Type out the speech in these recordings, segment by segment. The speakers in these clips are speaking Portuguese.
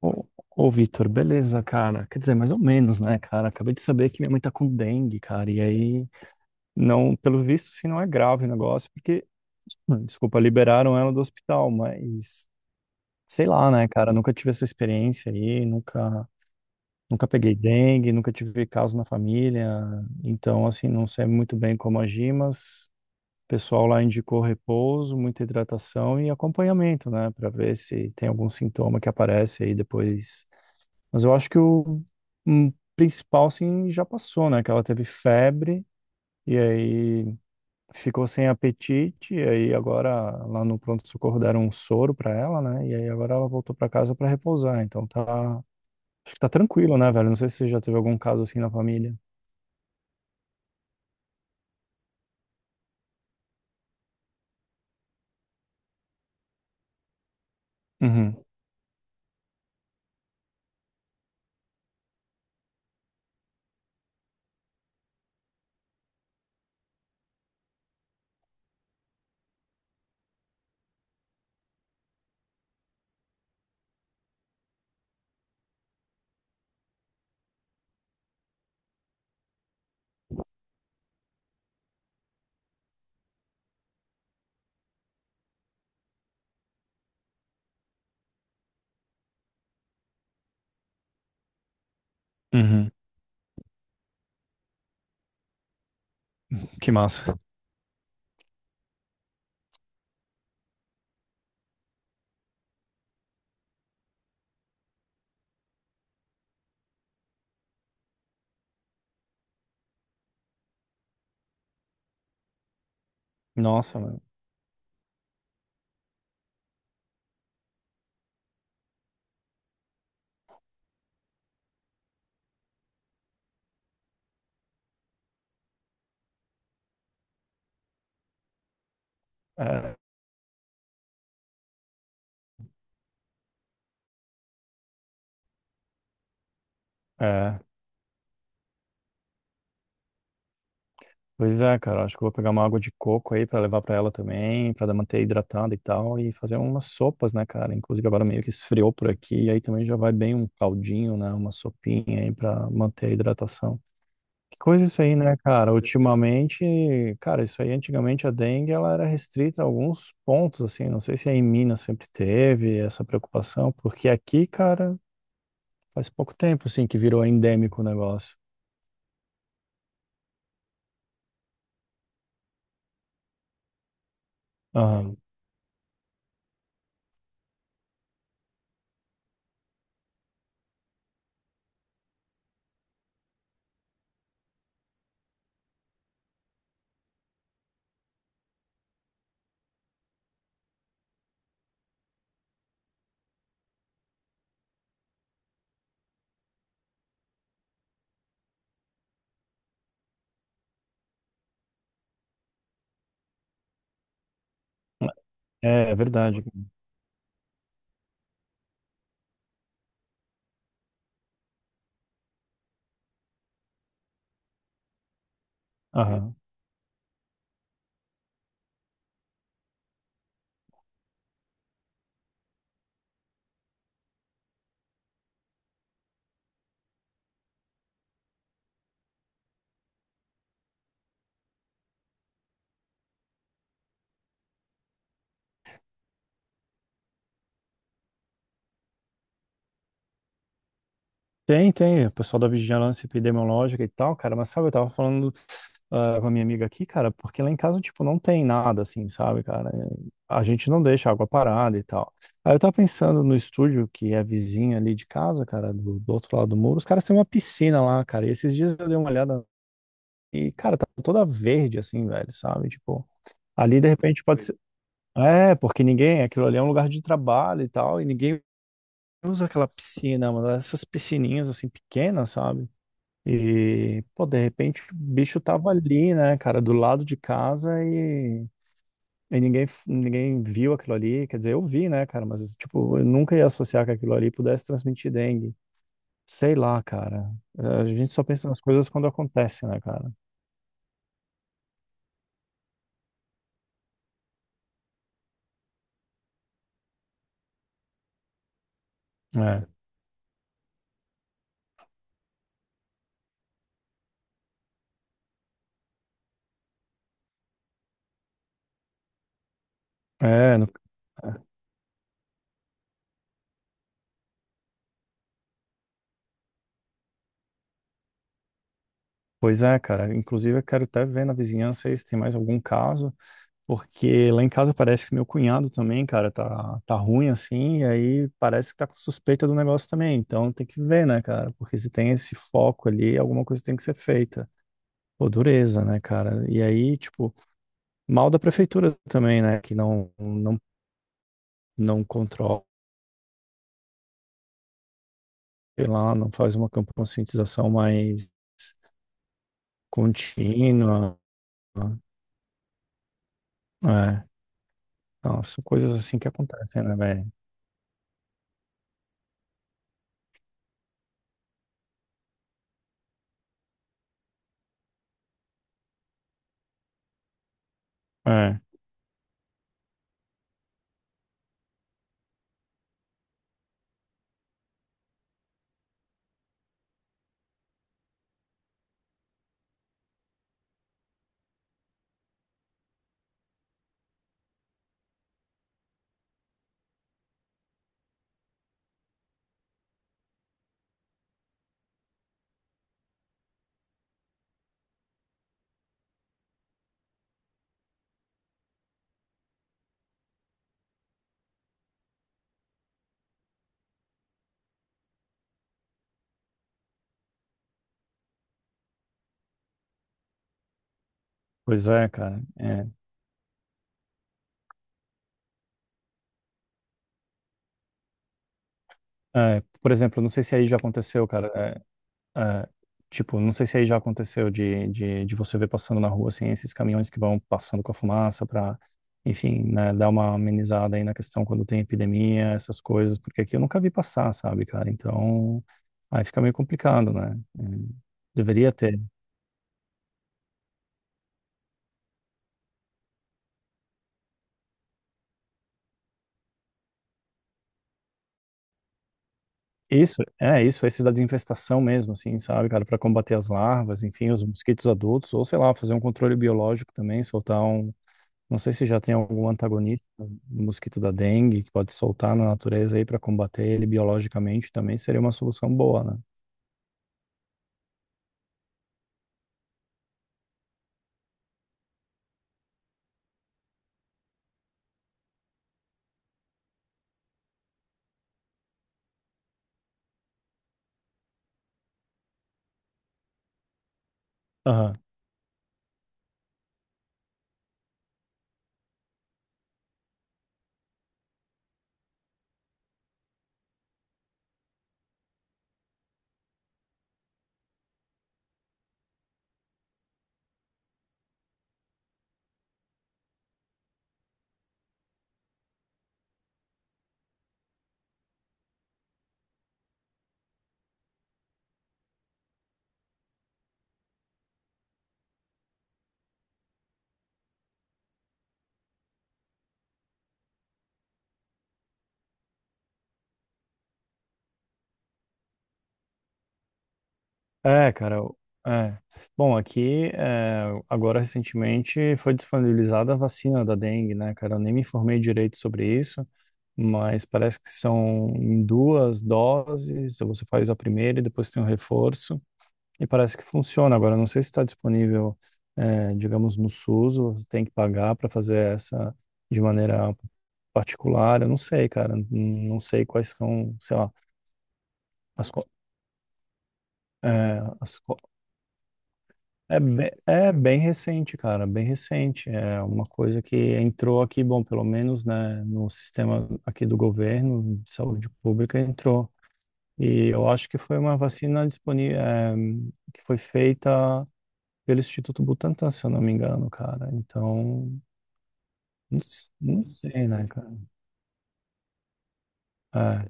Ô, ô Vitor, beleza, cara? Quer dizer, mais ou menos, né, cara? Acabei de saber que minha mãe tá com dengue, cara. E aí, não, pelo visto, assim, não é grave o negócio, porque, desculpa, liberaram ela do hospital, mas sei lá, né, cara? Nunca tive essa experiência aí, nunca, nunca peguei dengue, nunca tive caso na família. Então, assim, não sei muito bem como agir, mas o pessoal lá indicou repouso, muita hidratação e acompanhamento, né, pra ver se tem algum sintoma que aparece aí depois. Mas eu acho que o principal, assim, já passou, né? Que ela teve febre e aí ficou sem apetite. E aí agora lá no pronto-socorro deram um soro pra ela, né? E aí agora ela voltou pra casa pra repousar. Então tá. Acho que tá tranquilo, né, velho? Não sei se você já teve algum caso assim na família. Uhum, uhum. Que massa. Nossa, mano. É, é. Pois é, cara, acho que eu vou pegar uma água de coco aí pra levar pra ela também, pra manter hidratada e tal, e fazer umas sopas, né, cara? Inclusive agora meio que esfriou por aqui, e aí também já vai bem um caldinho, né, uma sopinha aí pra manter a hidratação. Que coisa isso aí, né, cara? Ultimamente, cara, isso aí antigamente a dengue ela era restrita a alguns pontos, assim, não sei se aí em Minas sempre teve essa preocupação, porque aqui, cara, faz pouco tempo, assim, que virou endêmico o negócio. Aham. É, é verdade. Aham. Tem, tem, o pessoal da vigilância epidemiológica e tal, cara, mas sabe, eu tava falando com a minha amiga aqui, cara, porque lá em casa, tipo, não tem nada assim, sabe, cara? É, a gente não deixa água parada e tal. Aí eu tava pensando no estúdio, que é vizinho ali de casa, cara, do, do outro lado do muro, os caras têm uma piscina lá, cara, e esses dias eu dei uma olhada e, cara, tá toda verde assim, velho, sabe? Tipo, ali de repente pode ser. É, porque ninguém, aquilo ali é um lugar de trabalho e tal, e ninguém usa aquela piscina, mano, essas piscininhas assim pequenas, sabe? E, pô, de repente o bicho tava ali, né, cara, do lado de casa e ninguém, ninguém viu aquilo ali. Quer dizer, eu vi, né, cara, mas, tipo, eu nunca ia associar que aquilo ali pudesse transmitir dengue. Sei lá, cara. A gente só pensa nas coisas quando acontece, né, cara? É. É, pois é, cara. Inclusive, eu quero até ver na vizinhança aí se tem mais algum caso. Porque lá em casa parece que meu cunhado também, cara, tá, tá ruim assim, e aí parece que tá com suspeita do negócio também. Então tem que ver, né, cara? Porque se tem esse foco ali, alguma coisa tem que ser feita. Pô, dureza, né, cara? E aí, tipo, mal da prefeitura também, né? Que não controla, sei lá, não faz uma campanha de conscientização mais contínua. É, então, são coisas assim que acontecem, né, velho? É, pois é, cara. É. É, por exemplo, não sei se aí já aconteceu, cara. É, é, tipo, não sei se aí já aconteceu de você ver passando na rua, assim, esses caminhões que vão passando com a fumaça para, enfim, né, dar uma amenizada aí na questão quando tem epidemia, essas coisas, porque aqui eu nunca vi passar, sabe, cara? Então, aí fica meio complicado, né? Deveria ter. Isso, é isso, esses da desinfestação mesmo, assim, sabe, cara, para combater as larvas, enfim, os mosquitos adultos, ou sei lá, fazer um controle biológico também, soltar um... Não sei se já tem algum antagonista, do mosquito da dengue, que pode soltar na natureza aí para combater ele biologicamente também seria uma solução boa, né? Aham. É, cara. É. Bom, aqui, é, agora recentemente foi disponibilizada a vacina da dengue, né, cara? Eu nem me informei direito sobre isso, mas parece que são em duas doses, você faz a primeira e depois tem um reforço. E parece que funciona. Agora, eu não sei se está disponível, digamos, no SUS, ou você tem que pagar para fazer essa de maneira particular. Eu não sei, cara. Não sei quais são, sei lá, as, co- as co- é bem recente, cara, bem recente. É uma coisa que entrou aqui, bom, pelo menos, né, no sistema aqui do governo de saúde pública entrou. E eu acho que foi uma vacina disponível, é, que foi feita pelo Instituto Butantan, se eu não me engano, cara. Então, não, não sei, né, cara? É,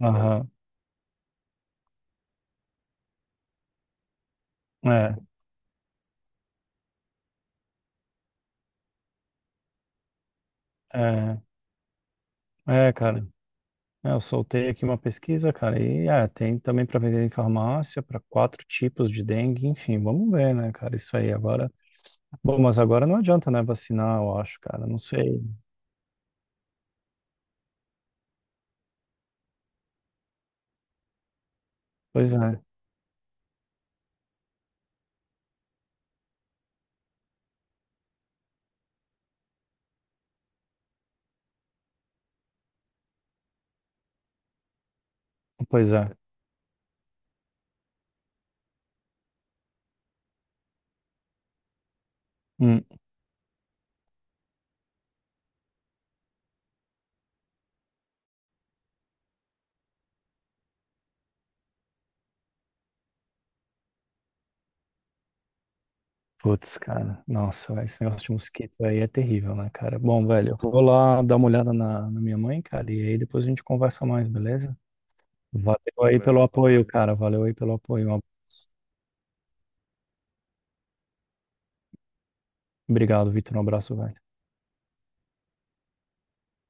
aham, é, é, é, cara. É, eu soltei aqui uma pesquisa, cara, e é, tem também para vender em farmácia para quatro tipos de dengue, enfim, vamos ver, né, cara, isso aí agora. Bom, mas agora não adianta, né, vacinar, eu acho, cara, não sei. Pois é, pois é. Hum. Putz, cara, nossa, velho, esse negócio de mosquito aí é terrível, né, cara? Bom, velho, eu vou lá dar uma olhada na, na minha mãe, cara, e aí depois a gente conversa mais, beleza? Valeu aí pelo apoio, cara, valeu aí pelo apoio. Um abraço. Obrigado, Vitor, um abraço, velho.